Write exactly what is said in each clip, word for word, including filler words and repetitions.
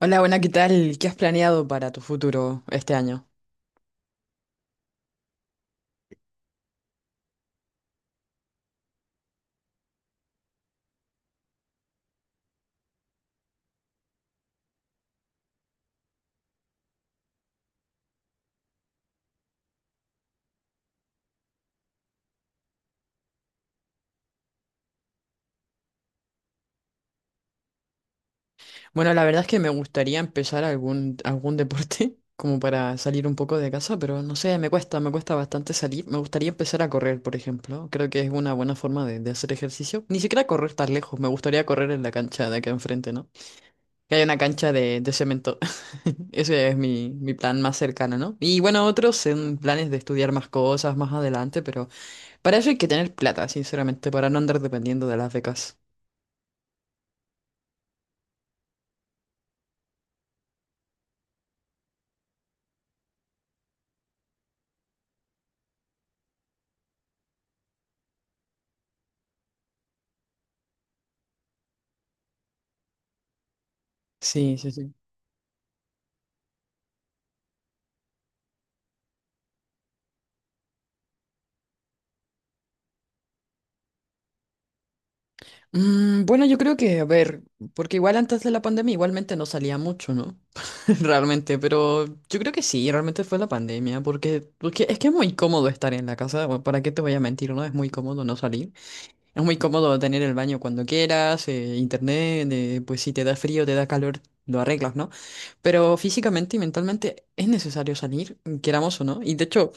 Hola, buena, ¿qué tal? ¿Qué has planeado para tu futuro este año? Bueno, la verdad es que me gustaría empezar algún, algún deporte, como para salir un poco de casa, pero no sé, me cuesta, me cuesta bastante salir. Me gustaría empezar a correr, por ejemplo. Creo que es una buena forma de, de hacer ejercicio. Ni siquiera correr tan lejos, me gustaría correr en la cancha de acá enfrente, ¿no? Que haya una cancha de, de cemento. Ese es mi, mi plan más cercano, ¿no? Y bueno, otros son planes de estudiar más cosas más adelante, pero para eso hay que tener plata, sinceramente, para no andar dependiendo de las becas. Sí, sí, sí. Mm, bueno, yo creo que, a ver, porque igual antes de la pandemia igualmente no salía mucho, ¿no? Realmente, pero yo creo que sí, realmente fue la pandemia, porque, porque es que es muy cómodo estar en la casa, bueno, ¿para qué te voy a mentir, no? Es muy cómodo no salir. Es muy cómodo tener el baño cuando quieras, eh, internet, eh, pues si te da frío, te da calor, lo arreglas, ¿no? Pero físicamente y mentalmente es necesario salir, queramos o no. Y de hecho,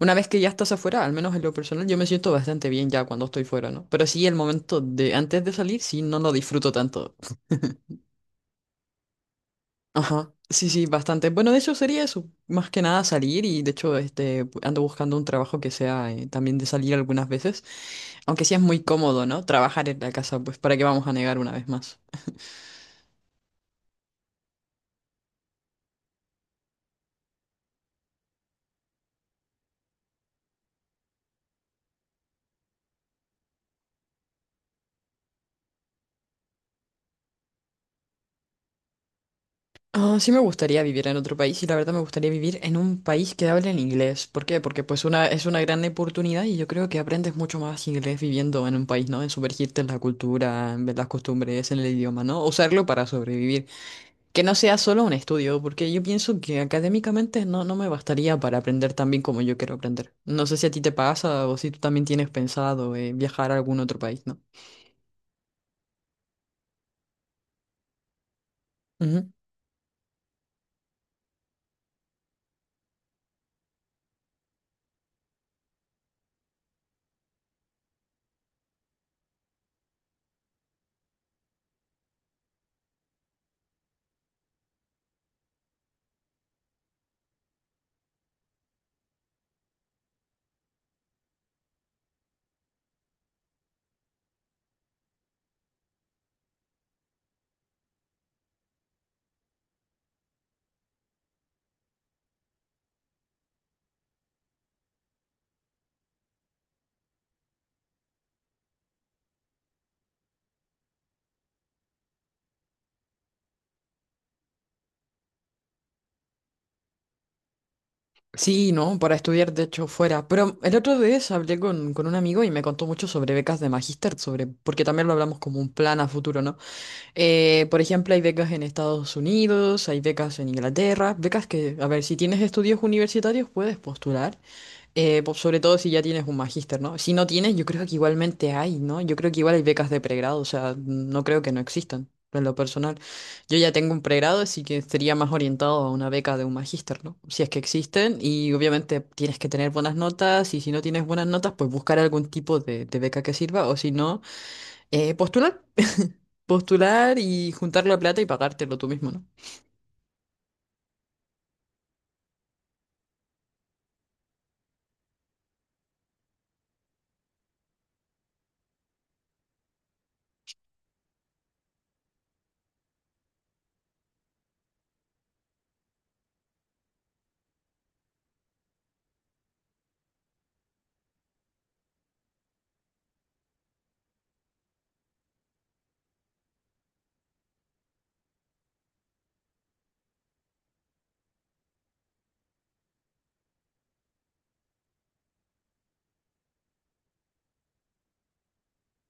una vez que ya estás afuera, al menos en lo personal, yo me siento bastante bien ya cuando estoy fuera, ¿no? Pero sí, el momento de antes de salir, sí, no lo disfruto tanto. Ajá, sí, sí, bastante. Bueno, de hecho sería eso, más que nada salir y de hecho este, pu- ando buscando un trabajo que sea eh, también de salir algunas veces, aunque sí es muy cómodo, ¿no? Trabajar en la casa, pues para qué vamos a negar una vez más. Ah, sí me gustaría vivir en otro país y la verdad me gustaría vivir en un país que hable en inglés. ¿Por qué? Porque pues una, es una gran oportunidad y yo creo que aprendes mucho más inglés viviendo en un país, ¿no? En sumergirte en la cultura, en ver las costumbres, en el idioma, ¿no? Usarlo para sobrevivir. Que no sea solo un estudio, porque yo pienso que académicamente no, no me bastaría para aprender tan bien como yo quiero aprender. No sé si a ti te pasa o si tú también tienes pensado eh, viajar a algún otro país, ¿no? Sí, ¿no? Para estudiar, de hecho, fuera. Pero el otro vez hablé con, con un amigo y me contó mucho sobre becas de magíster, sobre, porque también lo hablamos como un plan a futuro, ¿no? Eh, por ejemplo, hay becas en Estados Unidos, hay becas en Inglaterra, becas que, a ver, si tienes estudios universitarios puedes postular. Eh, po- sobre todo si ya tienes un magíster, ¿no? Si no tienes, yo creo que igualmente hay, ¿no? Yo creo que igual hay becas de pregrado, o sea, no creo que no existan, en lo personal. Yo ya tengo un pregrado, así que sería más orientado a una beca de un magíster, ¿no? Si es que existen, y obviamente tienes que tener buenas notas, y si no tienes buenas notas, pues buscar algún tipo de, de beca que sirva, o si no, eh, postular, postular y juntar la plata y pagártelo tú mismo, ¿no?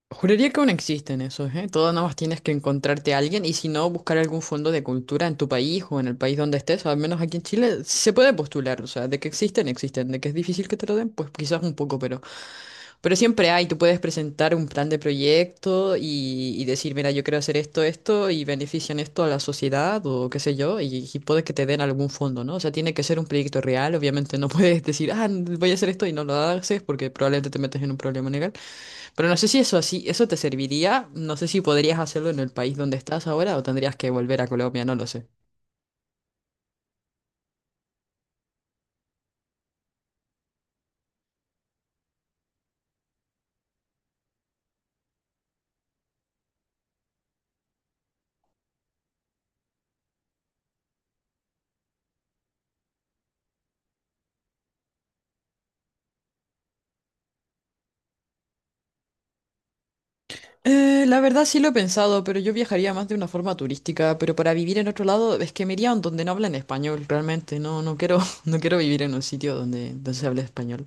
Juraría que aún existen esos, ¿eh? Todo nada más tienes que encontrarte a alguien y si no, buscar algún fondo de cultura en tu país o en el país donde estés, al menos aquí en Chile, se puede postular, o sea, de que existen, existen, de que es difícil que te lo den, pues quizás un poco, pero... Pero siempre hay, tú puedes presentar un plan de proyecto y, y decir, mira, yo quiero hacer esto, esto y benefician esto a la sociedad o qué sé yo, y, y puede que te den algún fondo, ¿no? O sea, tiene que ser un proyecto real, obviamente no puedes decir, ah, voy a hacer esto y no lo haces porque probablemente te metes en un problema legal. Pero no sé si eso así, eso te serviría. No sé si podrías hacerlo en el país donde estás ahora o tendrías que volver a Colombia, no lo sé. Eh, la verdad sí lo he pensado, pero yo viajaría más de una forma turística, pero para vivir en otro lado es que me iría a donde no hablan español, realmente. No, no quiero, no quiero vivir en un sitio donde, donde se hable español.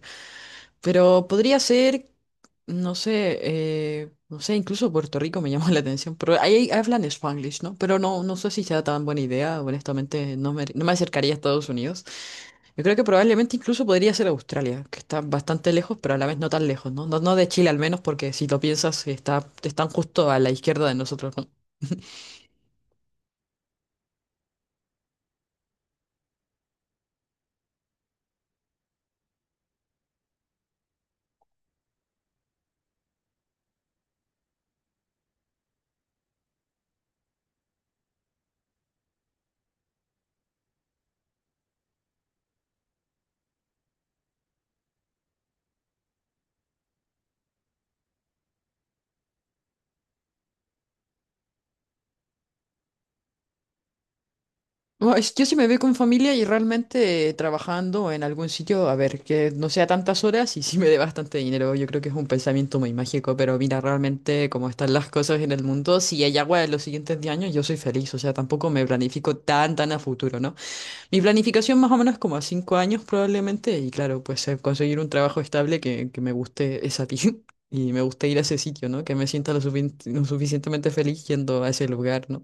Pero podría ser, no sé, eh, no sé, incluso Puerto Rico me llama la atención, pero ahí hablan Spanglish, ¿no? Pero no, no sé si sea tan buena idea, honestamente, no me, no me acercaría a Estados Unidos. Yo creo que probablemente incluso podría ser Australia, que está bastante lejos, pero a la vez no tan lejos, ¿no? No, no de Chile al menos, porque si lo piensas, está, están justo a la izquierda de nosotros, ¿no? No, es- yo sí me veo con familia y realmente eh, trabajando en algún sitio, a ver, que no sea tantas horas y sí me dé bastante dinero. Yo creo que es un pensamiento muy mágico, pero mira, realmente como están las cosas en el mundo, si hay agua en los siguientes diez años, yo soy feliz, o sea, tampoco me planifico tan, tan a futuro, ¿no? Mi planificación más o menos es como a cinco años probablemente, y claro, pues eh, conseguir un trabajo estable que, que me guste esa y me guste ir a ese sitio, ¿no? Que me sienta lo, sufic- lo suficientemente feliz yendo a ese lugar, ¿no?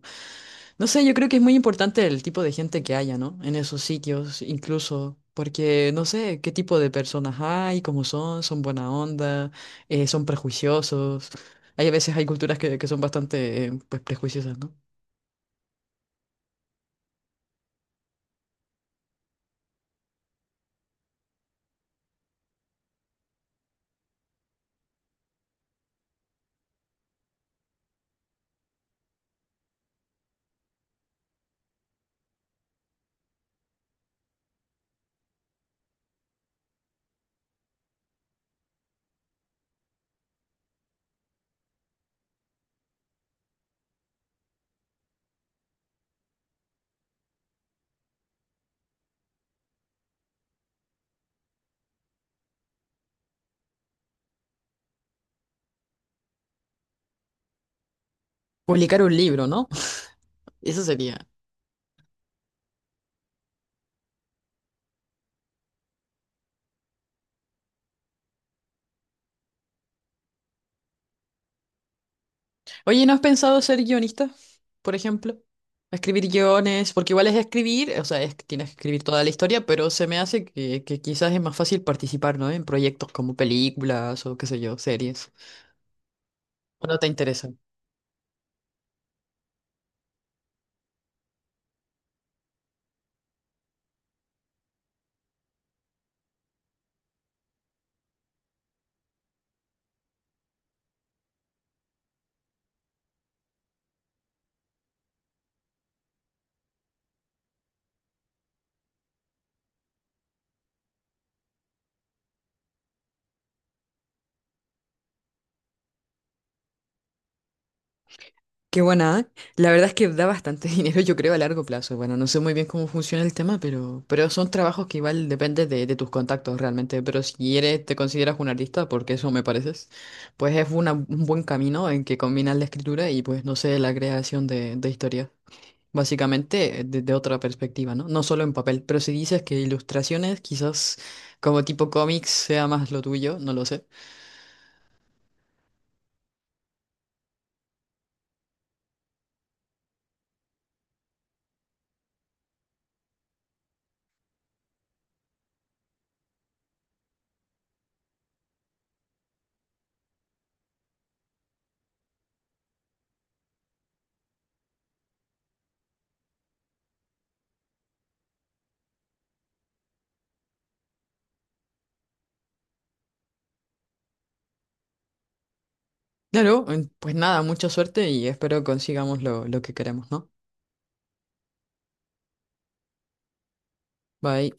No sé, yo creo que es muy importante el tipo de gente que haya, ¿no? En esos sitios, incluso, porque no sé qué tipo de personas hay, cómo son, son buena onda, eh, son prejuiciosos. Hay a veces hay culturas que, que son bastante, eh, pues, prejuiciosas, ¿no? Publicar un libro, ¿no? Eso sería. Oye, ¿no has pensado ser guionista, por ejemplo? Escribir guiones, porque igual es escribir, o sea, es- que tienes que escribir toda la historia, pero se me hace que, que quizás es más fácil participar, ¿no? En proyectos como películas o qué sé yo, series. ¿O no te interesa? Qué buena. ¿Eh? La verdad es que da bastante dinero, yo creo, a largo plazo. Bueno, no sé muy bien cómo funciona el tema, pero, pero son trabajos que igual depende de, de tus contactos realmente. Pero si eres, te consideras un artista, porque eso me pareces, pues es una- un buen camino en que combinas la escritura y pues, no sé, la creación de, de historias. Básicamente desde otra perspectiva, ¿no? No solo en papel, pero si dices que ilustraciones, quizás como tipo cómics sea más lo tuyo, no lo sé. Claro, eh, pues nada, mucha suerte y espero consigamos lo, lo que queremos, ¿no? Bye.